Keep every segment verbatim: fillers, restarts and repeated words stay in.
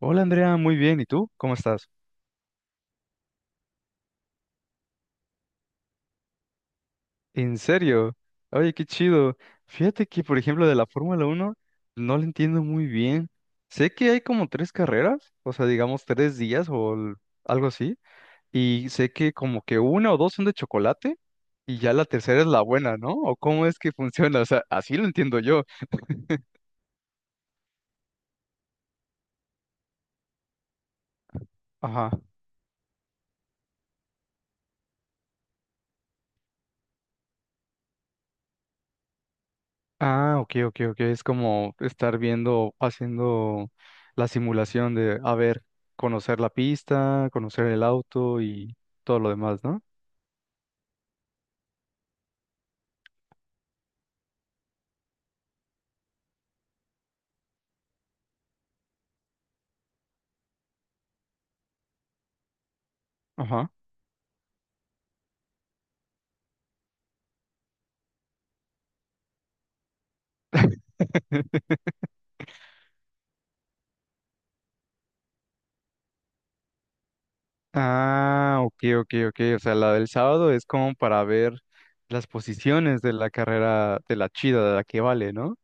Hola Andrea, muy bien. ¿Y tú? ¿Cómo estás? ¿En serio? Oye, qué chido. Fíjate que, por ejemplo, de la Fórmula Uno no la entiendo muy bien. Sé que hay como tres carreras, o sea, digamos tres días o l- algo así, y sé que como que una o dos son de chocolate y ya la tercera es la buena, ¿no? ¿O cómo es que funciona? O sea, así lo entiendo yo. Ajá. Ah, ok, ok, ok. Es como estar viendo, haciendo la simulación de, a ver, conocer la pista, conocer el auto y todo lo demás, ¿no? Ajá. Ah, ok, ok, ok. O sea, la del sábado es como para ver las posiciones de la carrera, de la chida, de la que vale, ¿no?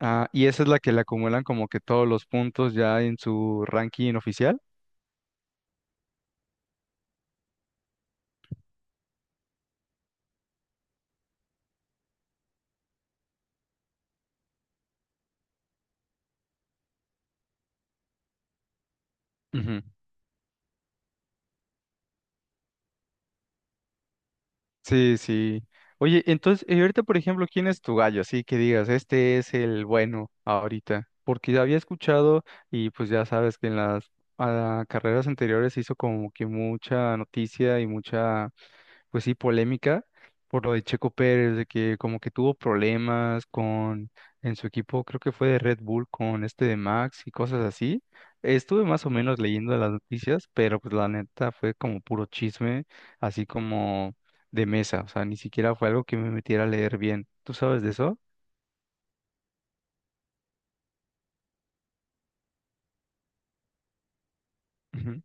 Ah, y esa es la que le acumulan como que todos los puntos ya en su ranking oficial. Sí, sí. Oye, entonces, y ahorita, por ejemplo, ¿quién es tu gallo? Así que digas, este es el bueno ahorita. Porque ya había escuchado y pues ya sabes que en las ah, carreras anteriores se hizo como que mucha noticia y mucha, pues sí, polémica por lo de Checo Pérez, de que como que tuvo problemas con en su equipo. Creo que fue de Red Bull, con este de Max y cosas así. Estuve más o menos leyendo las noticias, pero pues la neta fue como puro chisme, así como de mesa. O sea, ni siquiera fue algo que me metiera a leer bien. ¿Tú sabes de eso? Ujú,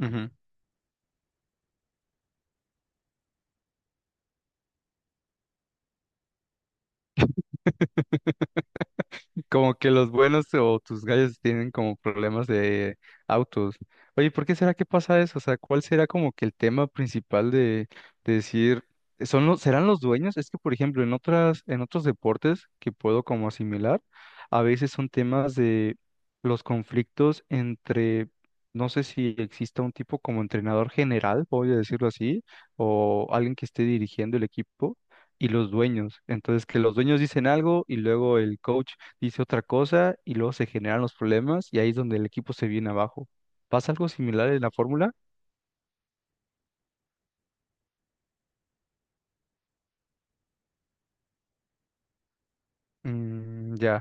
ujú. Como que los buenos o tus gallos tienen como problemas de autos. Oye, ¿por qué será que pasa eso? O sea, ¿cuál será como que el tema principal de, de decir, son los, serán los dueños? Es que, por ejemplo, en otras, en otros deportes que puedo como asimilar, a veces son temas de los conflictos entre, no sé si exista un tipo como entrenador general, voy a decirlo así, o alguien que esté dirigiendo el equipo. Y los dueños. Entonces, que los dueños dicen algo y luego el coach dice otra cosa y luego se generan los problemas y ahí es donde el equipo se viene abajo. ¿Pasa algo similar en la fórmula? Mm, ya.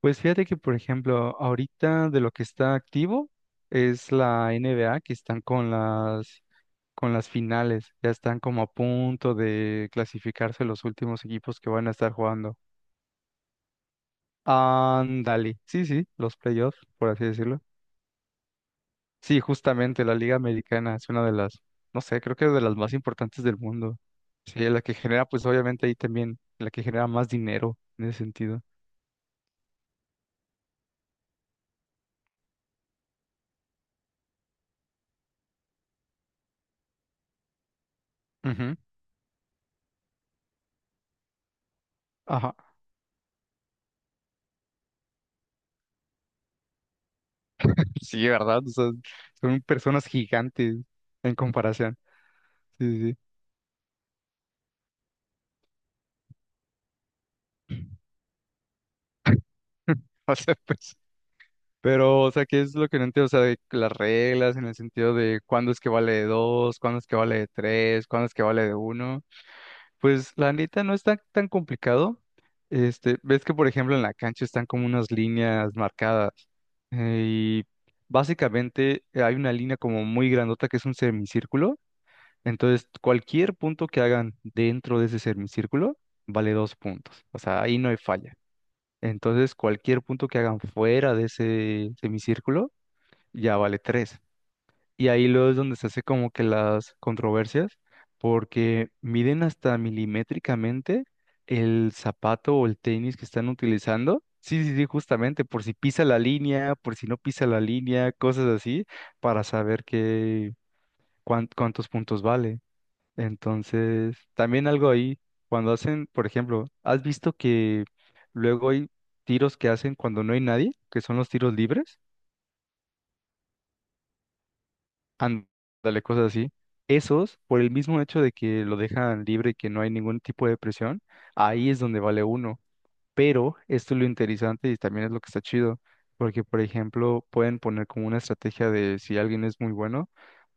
Pues fíjate que, por ejemplo, ahorita de lo que está activo es la N B A, que están con las, con las finales. Ya están como a punto de clasificarse los últimos equipos que van a estar jugando. Ándale. Sí, sí, los playoffs, por así decirlo. Sí, justamente la Liga Americana es una de las, no sé, creo que es de las más importantes del mundo. Sí, la que genera, pues obviamente ahí también, la que genera más dinero en ese sentido. Ujú. Ajá. Sí, ¿verdad? O sea, son personas gigantes en comparación. Sí, sí, sí. O sea, pues, pero, o sea, ¿qué es lo que no entiendo? O sea, de las reglas en el sentido de cuándo es que vale de dos, cuándo es que vale de tres, cuándo es que vale de uno. Pues la neta no está tan complicado. Este, ves que por ejemplo en la cancha están como unas líneas marcadas, eh, y básicamente hay una línea como muy grandota que es un semicírculo. Entonces cualquier punto que hagan dentro de ese semicírculo vale dos puntos. O sea, ahí no hay falla. Entonces cualquier punto que hagan fuera de ese semicírculo ya vale tres. Y ahí luego es donde se hace como que las controversias, porque miden hasta milimétricamente el zapato o el tenis que están utilizando. Sí, sí, sí, justamente, por si pisa la línea, por si no pisa la línea, cosas así, para saber qué, cuán- cuántos puntos vale. Entonces, también algo ahí, cuando hacen, por ejemplo, ¿has visto que luego hay tiros que hacen cuando no hay nadie, que son los tiros libres? Ándale, cosas así. Esos, por el mismo hecho de que lo dejan libre y que no hay ningún tipo de presión, ahí es donde vale uno. Pero esto es lo interesante y también es lo que está chido, porque, por ejemplo, pueden poner como una estrategia de si alguien es muy bueno,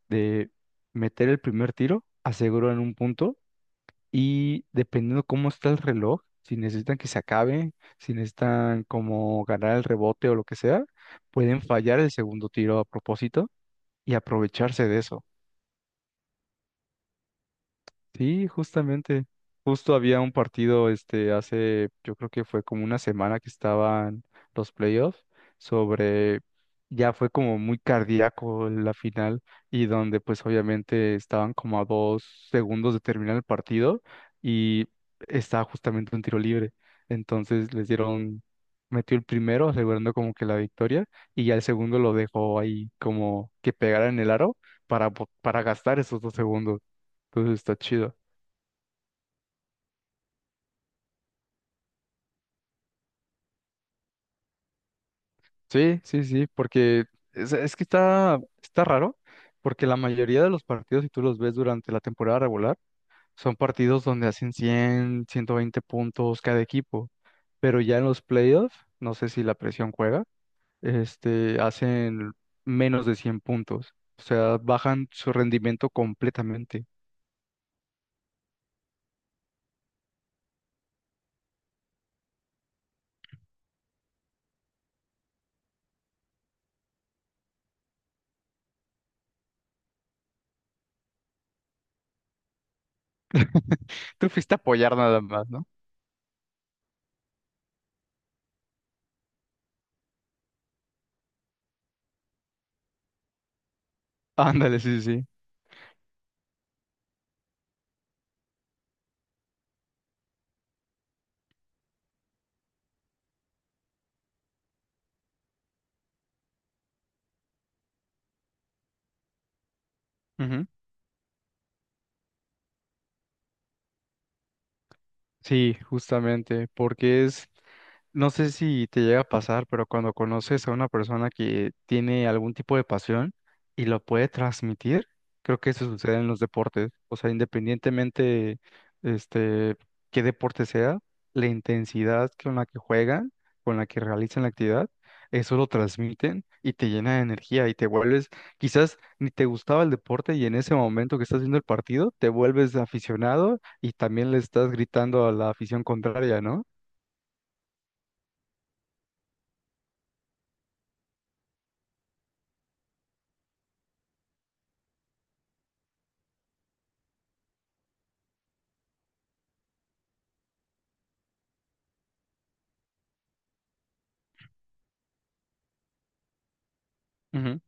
de meter el primer tiro, aseguran un punto, y dependiendo cómo está el reloj, si necesitan que se acabe, si necesitan como ganar el rebote o lo que sea, pueden fallar el segundo tiro a propósito y aprovecharse de eso. Sí, justamente. Justo había un partido, este, hace, yo creo que fue como una semana, que estaban los playoffs, sobre ya fue como muy cardíaco la final, y donde pues obviamente estaban como a dos segundos de terminar el partido y estaba justamente un tiro libre. Entonces les dieron, metió el primero asegurando como que la victoria y ya el segundo lo dejó ahí como que pegara en el aro para, bo- para gastar esos dos segundos. Entonces está chido. Sí, sí, sí, porque es, es que está, está raro, porque la mayoría de los partidos, si tú los ves durante la temporada regular, son partidos donde hacen cien, ciento veinte puntos cada equipo, pero ya en los playoffs, no sé si la presión juega, este, hacen menos de cien puntos. O sea, bajan su rendimiento completamente. Tú fuiste a apoyar nada más, ¿no? Ándale, sí, sí. Sí, justamente, porque es, no sé si te llega a pasar, pero cuando conoces a una persona que tiene algún tipo de pasión y lo puede transmitir, creo que eso sucede en los deportes. O sea, independientemente, este, qué deporte sea, la intensidad con la que juegan, con la que realizan la actividad, eso lo transmiten y te llena de energía y te vuelves, quizás ni te gustaba el deporte y en ese momento que estás viendo el partido, te vuelves aficionado y también le estás gritando a la afición contraria, ¿no? Ujú.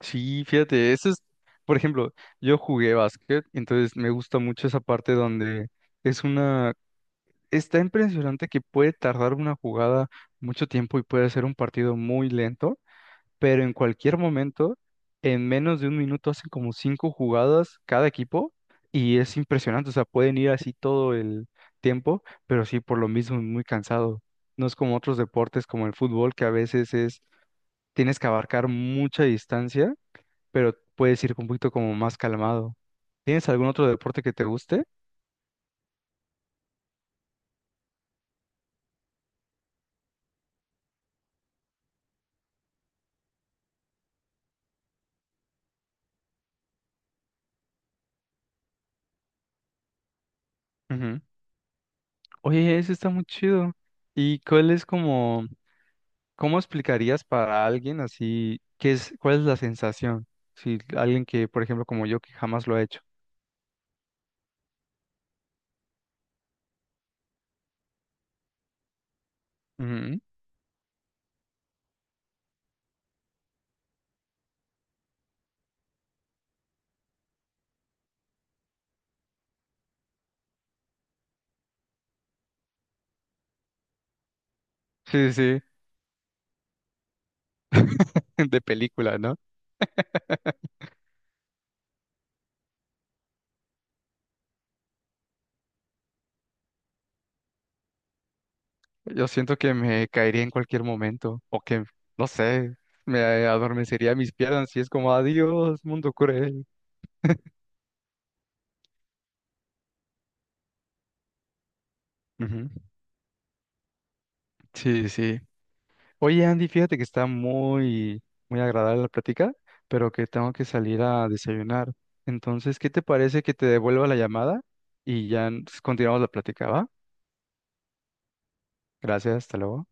Sí, fíjate, eso es, por ejemplo, yo jugué básquet, entonces me gusta mucho esa parte donde es una, está impresionante que puede tardar una jugada mucho tiempo y puede ser un partido muy lento, pero en cualquier momento, en menos de un minuto hacen como cinco jugadas cada equipo y es impresionante. O sea, pueden ir así todo el tiempo, pero sí, por lo mismo es muy cansado. No es como otros deportes como el fútbol, que a veces es, tienes que abarcar mucha distancia, pero puedes ir un poquito como más calmado. ¿Tienes algún otro deporte que te guste? Ujú. Oye, ese está muy chido. ¿Y cuál es como? ¿Cómo explicarías para alguien así qué es, cuál es la sensación? Si alguien que, por ejemplo, como yo, que jamás lo ha hecho. Ujú. Sí, sí. De película, ¿no? Yo siento que me caería en cualquier momento o que, no sé, me adormecería mis piernas y es como adiós, mundo cruel. Ujú. Sí, sí. Oye, Andy, fíjate que está muy, muy agradable la plática, pero que tengo que salir a desayunar. Entonces, ¿qué te parece que te devuelva la llamada y ya n- continuamos la plática, va? Gracias, hasta luego.